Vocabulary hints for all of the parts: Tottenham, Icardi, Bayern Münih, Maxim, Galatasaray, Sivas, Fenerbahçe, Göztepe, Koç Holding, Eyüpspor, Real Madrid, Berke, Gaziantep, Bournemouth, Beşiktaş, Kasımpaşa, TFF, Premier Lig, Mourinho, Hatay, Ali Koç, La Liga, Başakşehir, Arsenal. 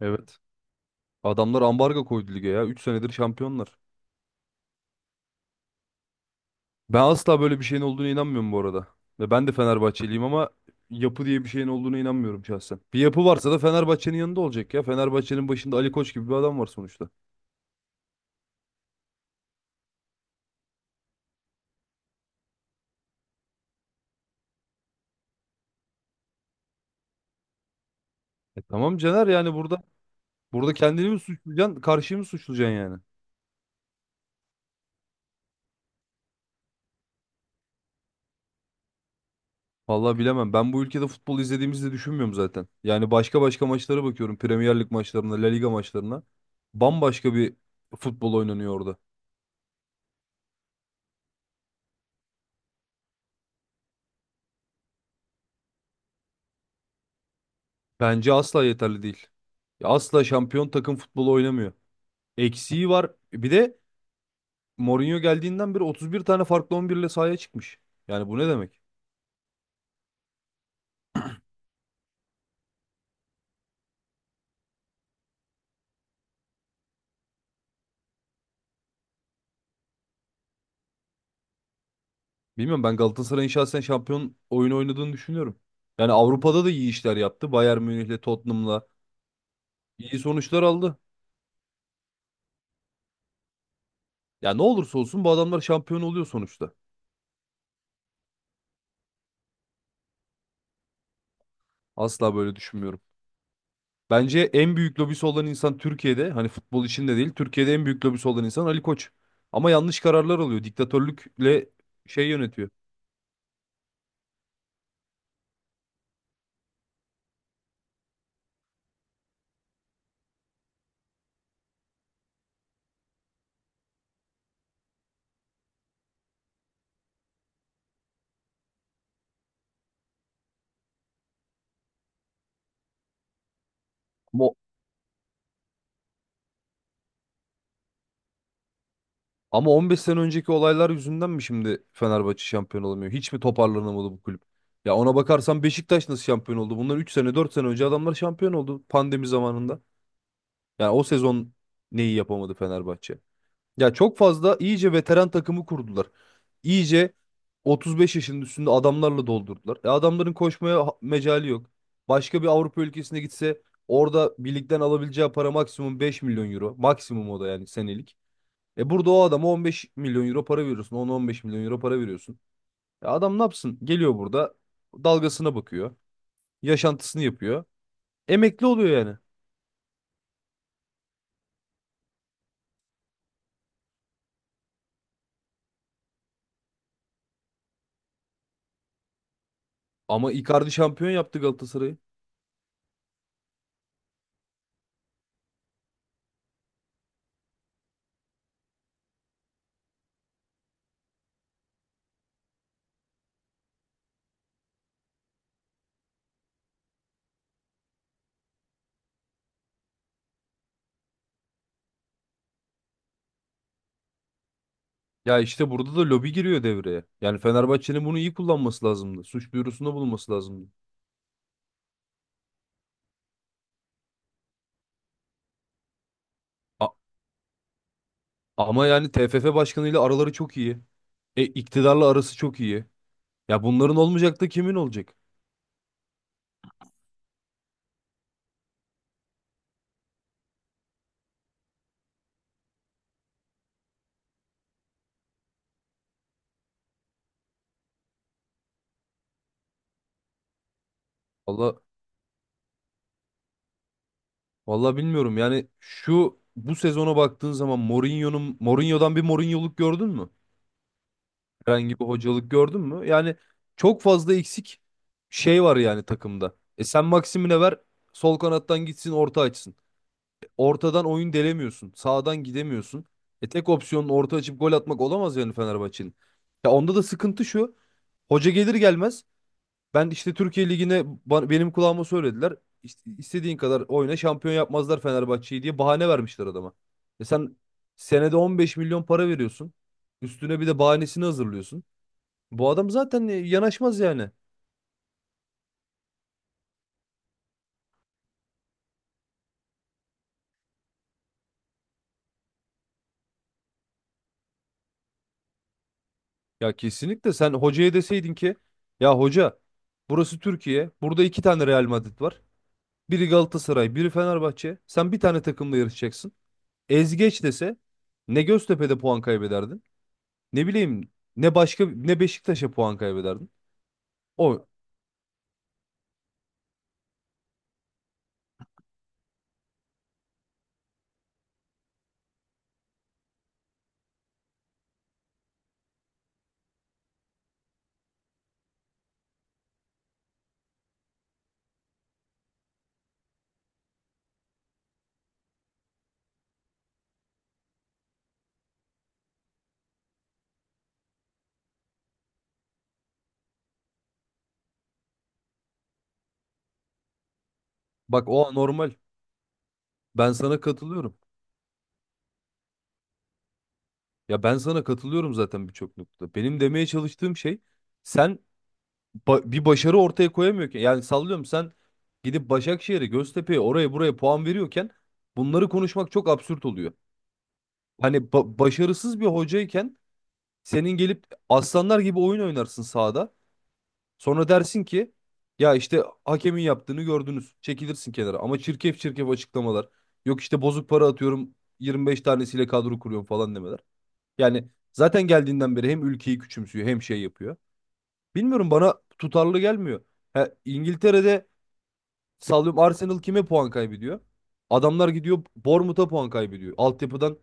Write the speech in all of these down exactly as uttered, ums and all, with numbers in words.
Evet. Adamlar ambargo koydu lige ya. Üç senedir şampiyonlar. Ben asla böyle bir şeyin olduğuna inanmıyorum bu arada. Ve ben de Fenerbahçeliyim ama yapı diye bir şeyin olduğuna inanmıyorum şahsen. Bir yapı varsa da Fenerbahçe'nin yanında olacak ya. Fenerbahçe'nin başında Ali Koç gibi bir adam var sonuçta. E tamam Caner, yani burada burada kendini mi suçlayacaksın, karşıyı mı suçlayacaksın yani? Vallahi bilemem. Ben bu ülkede futbol izlediğimizi de düşünmüyorum zaten. Yani başka başka maçlara bakıyorum. Premier Lig maçlarına, La Liga maçlarına. Bambaşka bir futbol oynanıyor orada. Bence asla yeterli değil. Ya asla şampiyon takım futbolu oynamıyor. Eksiği var. Bir de Mourinho geldiğinden beri otuz bir tane farklı on bir ile sahaya çıkmış. Yani bu ne demek? Bilmiyorum, ben Galatasaray'ın şahsen şampiyon oyunu oynadığını düşünüyorum. Yani Avrupa'da da iyi işler yaptı. Bayern Münih'le, Tottenham'la iyi sonuçlar aldı. Ya ne olursa olsun bu adamlar şampiyon oluyor sonuçta. Asla böyle düşünmüyorum. Bence en büyük lobisi olan insan Türkiye'de, hani futbol içinde değil, Türkiye'de en büyük lobisi olan insan Ali Koç. Ama yanlış kararlar alıyor. Diktatörlükle şey yönetiyor. Ama, ama on beş sene önceki olaylar yüzünden mi şimdi Fenerbahçe şampiyon olamıyor? Hiç mi toparlanamadı bu kulüp? Ya ona bakarsan Beşiktaş nasıl şampiyon oldu? Bundan üç sene dört sene önce adamlar şampiyon oldu pandemi zamanında. Yani o sezon neyi yapamadı Fenerbahçe? Ya çok fazla iyice veteran takımı kurdular. İyice otuz beş yaşının üstünde adamlarla doldurdular. E adamların koşmaya ha- mecali yok. Başka bir Avrupa ülkesine gitse orada birlikten alabileceği para maksimum beş milyon euro. Maksimum o da yani senelik. E burada o adama on beş milyon euro para veriyorsun. on, on beş milyon euro para veriyorsun. E adam ne yapsın? Geliyor burada dalgasına bakıyor. Yaşantısını yapıyor. Emekli oluyor yani. Ama Icardi şampiyon yaptı Galatasaray'ı. Ya işte burada da lobi giriyor devreye. Yani Fenerbahçe'nin bunu iyi kullanması lazımdı. Suç duyurusunda bulunması lazımdı. A- ama yani T F F başkanıyla araları çok iyi. E, iktidarla arası çok iyi. Ya bunların olmayacak da kimin olacak? Valla valla bilmiyorum. Yani şu bu sezona baktığın zaman Mourinho'nun Mourinho'dan bir Mourinho'luk gördün mü? Herhangi bir hocalık gördün mü? Yani çok fazla eksik şey var yani takımda. E sen Maxim'ine ver, sol kanattan gitsin, orta açsın. Ortadan oyun delemiyorsun. Sağdan gidemiyorsun. E tek opsiyonun orta açıp gol atmak olamaz yani Fenerbahçe'nin. Ya onda da sıkıntı şu. Hoca gelir gelmez ben işte Türkiye Ligi'ne ba- benim kulağıma söylediler. İşte istediğin kadar oyna şampiyon yapmazlar Fenerbahçe'yi diye bahane vermişler adama. E sen senede on beş milyon para veriyorsun. Üstüne bir de bahanesini hazırlıyorsun. Bu adam zaten e, yanaşmaz yani. Ya kesinlikle sen hocaya deseydin ki ya hoca, burası Türkiye. Burada iki tane Real Madrid var. Biri Galatasaray, biri Fenerbahçe. Sen bir tane takımla yarışacaksın. Ezgeç dese ne Göztepe'de puan kaybederdin, ne bileyim ne başka, ne Beşiktaş'a puan kaybederdin. O, bak, o normal. Ben sana katılıyorum. Ya ben sana katılıyorum zaten birçok noktada. Benim demeye çalıştığım şey, sen ba- bir başarı ortaya koyamıyorken, yani sallıyorum sen gidip Başakşehir'e, Göztepe'ye oraya buraya puan veriyorken bunları konuşmak çok absürt oluyor. Hani ba- başarısız bir hocayken, senin gelip aslanlar gibi oyun oynarsın sahada. Sonra dersin ki ya işte hakemin yaptığını gördünüz. Çekilirsin kenara. Ama çirkef çirkef açıklamalar. Yok işte bozuk para atıyorum yirmi beş tanesiyle kadro kuruyorum falan demeler. Yani zaten geldiğinden beri hem ülkeyi küçümsüyor hem şey yapıyor. Bilmiyorum, bana tutarlı gelmiyor. Ha, İngiltere'de sallıyorum Arsenal kime puan kaybediyor? Adamlar gidiyor Bournemouth'a puan kaybediyor. Altyapıdan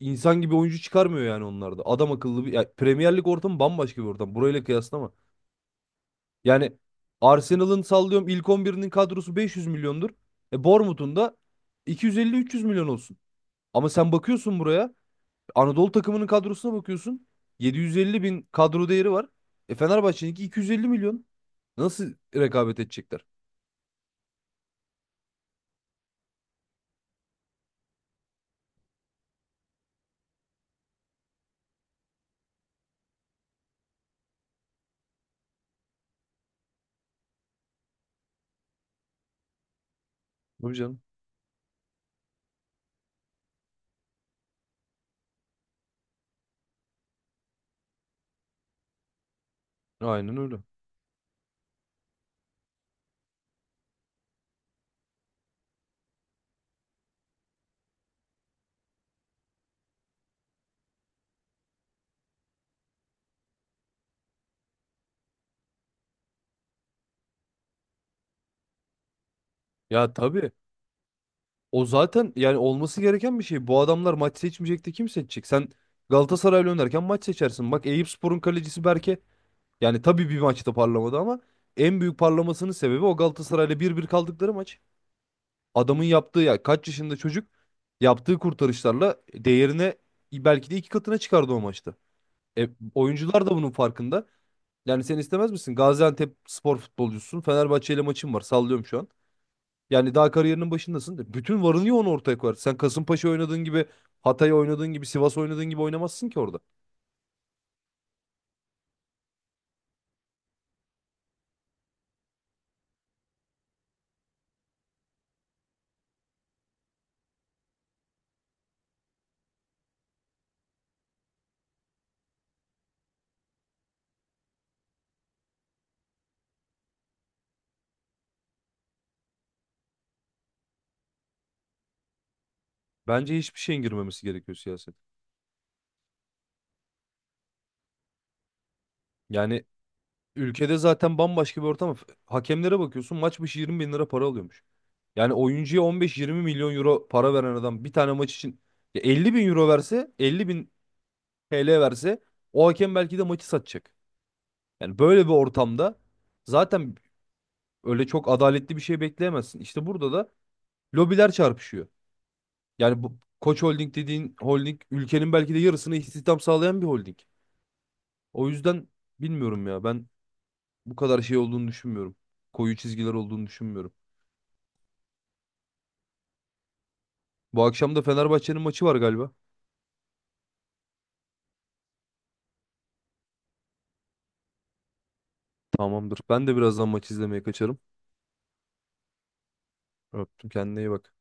İnsan gibi oyuncu çıkarmıyor yani onlarda. Adam akıllı bir, ya Premier Lig ortamı bambaşka bir ortam. Burayla kıyaslama. Yani Arsenal'ın sallıyorum ilk on birinin kadrosu beş yüz milyondur. E Bournemouth'un da iki yüz elli, üç yüz milyon olsun. Ama sen bakıyorsun buraya, Anadolu takımının kadrosuna bakıyorsun. yedi yüz elli bin kadro değeri var. E Fenerbahçe'ninki iki yüz elli milyon. Nasıl rekabet edecekler? Tabii canım. Aynen öyle. Ya tabii. O zaten yani olması gereken bir şey. Bu adamlar maç seçmeyecekti kim seçecek? Sen Galatasaray'la oynarken maç seçersin. Bak Eyüpspor'un kalecisi Berke, yani tabii bir maçta parlamadı ama en büyük parlamasının sebebi o Galatasaray'la bir bir kaldıkları maç. Adamın yaptığı, ya kaç yaşında çocuk, yaptığı kurtarışlarla değerine belki de iki katına çıkardı o maçta. E, oyuncular da bunun farkında. Yani sen istemez misin? Gaziantep spor futbolcusun. Fenerbahçe ile maçın var. Sallıyorum şu an. Yani daha kariyerinin başındasın de. Bütün varını yoğunu ortaya koyarsın. Sen Kasımpaşa oynadığın gibi, Hatay oynadığın gibi, Sivas oynadığın gibi oynamazsın ki orada. Bence hiçbir şeyin girmemesi gerekiyor siyaset. Yani ülkede zaten bambaşka bir ortam. Hakemlere bakıyorsun maç başı yirmi bin lira para alıyormuş. Yani oyuncuya on beş, yirmi milyon euro para veren adam bir tane maç için ya elli bin euro verse, elli bin T L verse o hakem belki de maçı satacak. Yani böyle bir ortamda zaten öyle çok adaletli bir şey bekleyemezsin. İşte burada da lobiler çarpışıyor. Yani bu Koç Holding dediğin holding ülkenin belki de yarısını istihdam sağlayan bir holding. O yüzden bilmiyorum ya ben bu kadar şey olduğunu düşünmüyorum. Koyu çizgiler olduğunu düşünmüyorum. Bu akşam da Fenerbahçe'nin maçı var galiba. Tamamdır. Ben de birazdan maç izlemeye kaçarım. Öptüm. Kendine iyi bak.